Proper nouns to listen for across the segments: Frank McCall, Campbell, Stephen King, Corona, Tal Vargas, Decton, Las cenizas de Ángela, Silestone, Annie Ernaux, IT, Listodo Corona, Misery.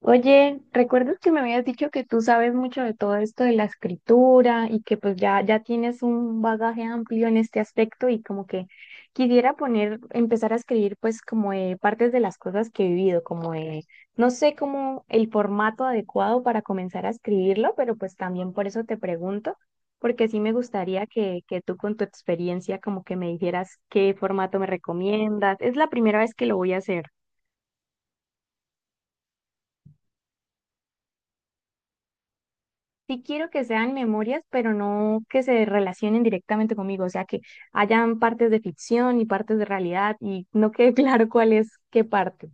Oye, ¿recuerdas que me habías dicho que tú sabes mucho de todo esto de la escritura y que pues ya tienes un bagaje amplio en este aspecto y como que quisiera poner, empezar a escribir pues como de partes de las cosas que he vivido, como de, no sé cómo el formato adecuado para comenzar a escribirlo, pero pues también por eso te pregunto, porque sí me gustaría que tú con tu experiencia como que me dijeras qué formato me recomiendas. Es la primera vez que lo voy a hacer. Sí quiero que sean memorias, pero no que se relacionen directamente conmigo, o sea, que hayan partes de ficción y partes de realidad y no quede claro cuál es qué parte.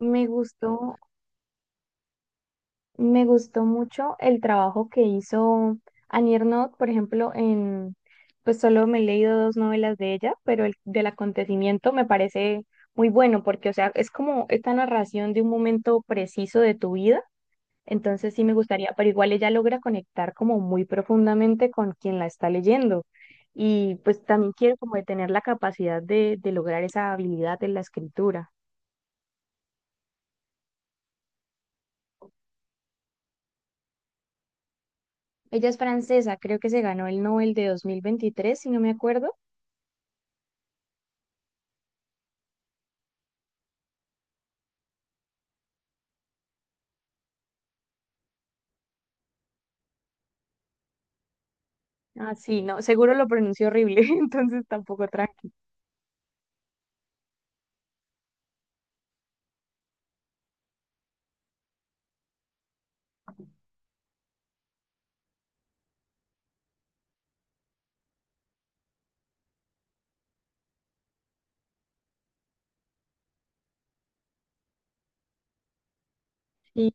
Me gustó, me gustó mucho el trabajo que hizo Annie Ernaux, por ejemplo, en, pues solo me he leído dos novelas de ella, pero el del acontecimiento me parece muy bueno porque, o sea, es como esta narración de un momento preciso de tu vida. Entonces sí me gustaría, pero igual ella logra conectar como muy profundamente con quien la está leyendo. Y pues también quiero como de tener la capacidad de lograr esa habilidad de la escritura. Ella es francesa, creo que se ganó el Nobel de 2023 si no me acuerdo. Ah, sí, no, seguro lo pronunció horrible, entonces tampoco tranqui. Sí,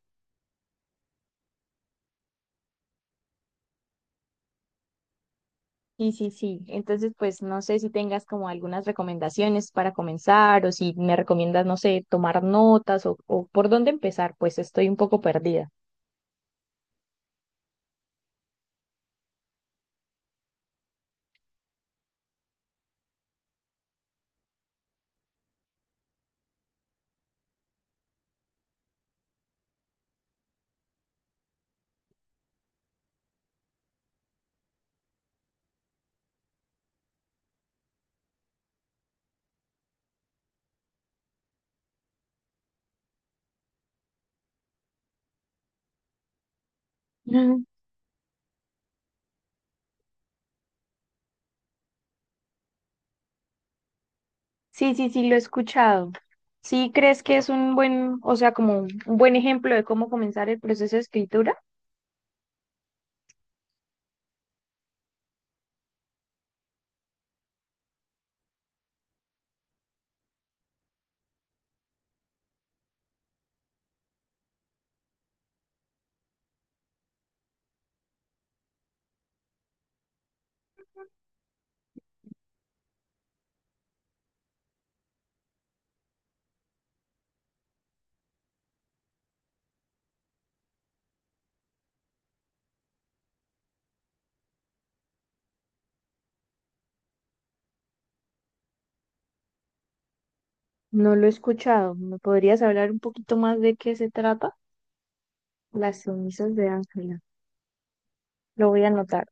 sí, sí, sí. Entonces, pues no sé si tengas como algunas recomendaciones para comenzar o si me recomiendas, no sé, tomar notas o por dónde empezar, pues estoy un poco perdida. Sí, sí, sí, lo he escuchado. ¿Sí crees que es un buen, o sea, como un buen ejemplo de cómo comenzar el proceso de escritura? No lo he escuchado. ¿Me podrías hablar un poquito más de qué se trata? Las cenizas de Ángela. Lo voy a anotar.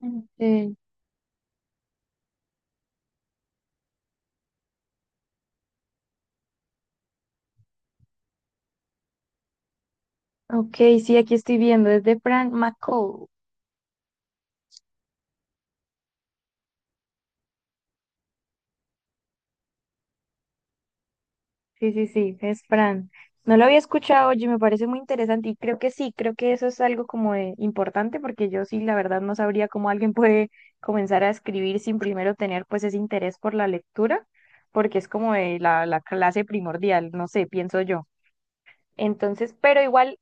Mm. Ok, sí, aquí estoy viendo. Es de Frank McCall. Sí, sí, sí, es Fran. No lo había escuchado, oye, me parece muy interesante y creo que sí, creo que eso es algo como de importante porque yo sí, la verdad, no sabría cómo alguien puede comenzar a escribir sin primero tener pues ese interés por la lectura, porque es como de la clase primordial, no sé, pienso yo. Entonces, pero igual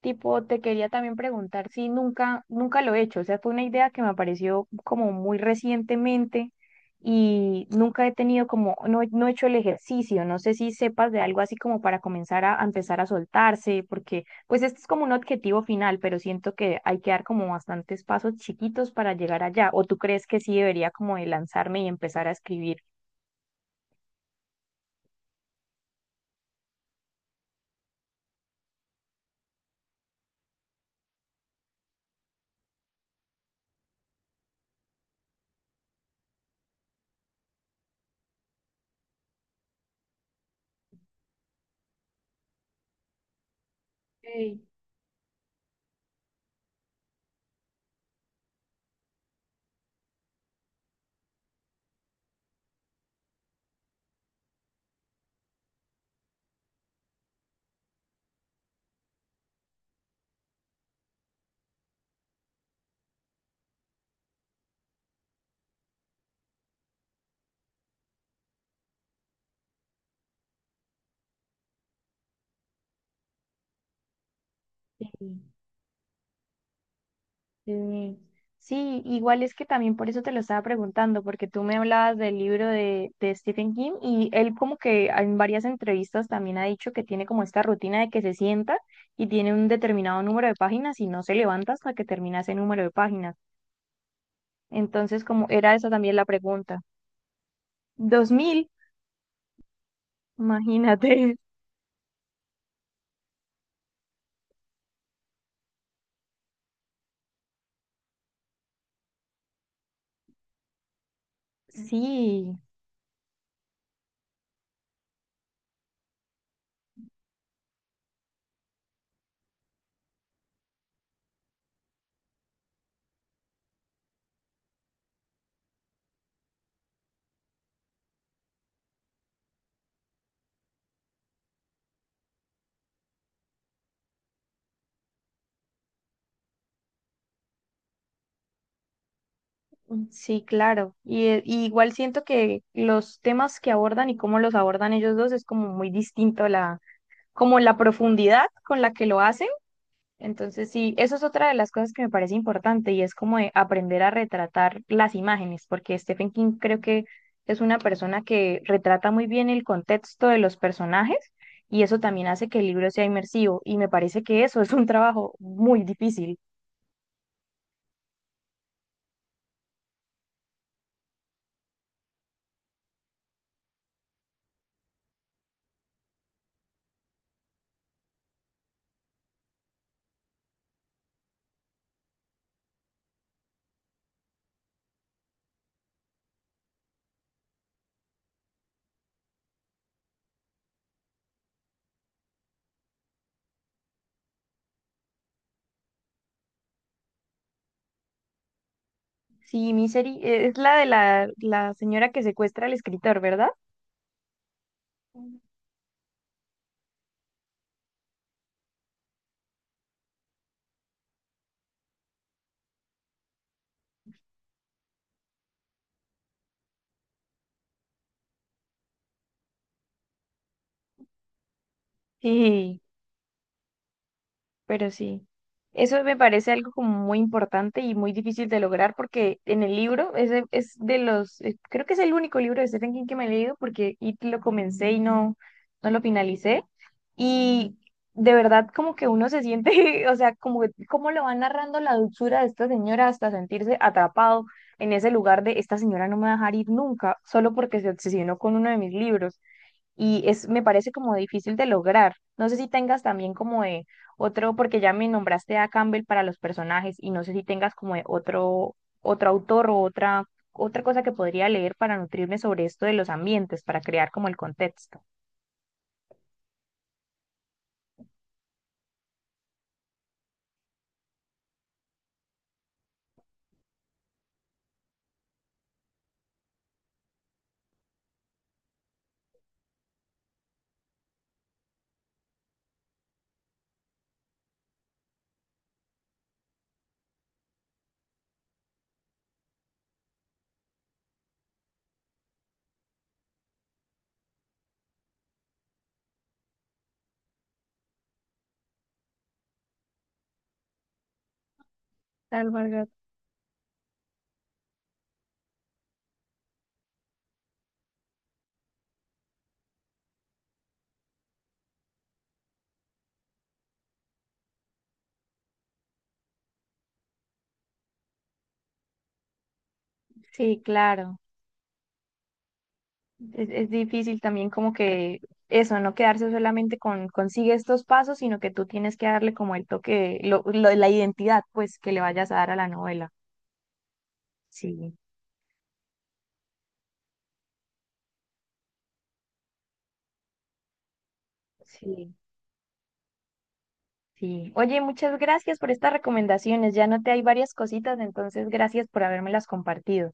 tipo, te quería también preguntar si nunca lo he hecho. O sea, fue una idea que me apareció como muy recientemente y nunca he tenido como, no, no he hecho el ejercicio. No sé si sepas de algo así como para comenzar a empezar a soltarse, porque pues este es como un objetivo final, pero siento que hay que dar como bastantes pasos chiquitos para llegar allá. ¿O tú crees que sí debería como de lanzarme y empezar a escribir? Sí. Sí. Sí, sí, igual es que también por eso te lo estaba preguntando, porque tú me hablabas del libro de Stephen King y él como que en varias entrevistas también ha dicho que tiene como esta rutina de que se sienta y tiene un determinado número de páginas y no se levanta hasta que termina ese número de páginas. Entonces, como era esa también la pregunta. 2000, imagínate. Sí, sí, claro. Y igual siento que los temas que abordan y cómo los abordan ellos dos es como muy distinto como la profundidad con la que lo hacen. Entonces, sí, eso es otra de las cosas que me parece importante y es como de aprender a retratar las imágenes, porque Stephen King creo que es una persona que retrata muy bien el contexto de los personajes y eso también hace que el libro sea inmersivo y me parece que eso es un trabajo muy difícil. Sí, Misery es la de la señora que secuestra al escritor, ¿verdad? Sí. Pero sí, eso me parece algo como muy importante y muy difícil de lograr porque en el libro, ese es de los, creo que es el único libro de Stephen King que me he leído porque IT lo comencé y no, no lo finalicé. Y de verdad como que uno se siente, o sea, cómo lo va narrando la dulzura de esta señora hasta sentirse atrapado en ese lugar de esta señora no me va a dejar ir nunca, solo porque se obsesionó con uno de mis libros y es, me parece como difícil de lograr. No sé si tengas también como de otro, porque ya me nombraste a Campbell para los personajes y no sé si tengas como de otro, otro autor o otra, otra cosa que podría leer para nutrirme sobre esto de los ambientes, para crear como el contexto. Tal Vargas. Sí, claro. Es difícil también como que eso, no quedarse solamente con consigue estos pasos, sino que tú tienes que darle como el toque, la identidad pues que le vayas a dar a la novela. Sí, sí, sí. Oye, muchas gracias por estas recomendaciones. Ya noté hay varias cositas, entonces gracias por habérmelas compartido.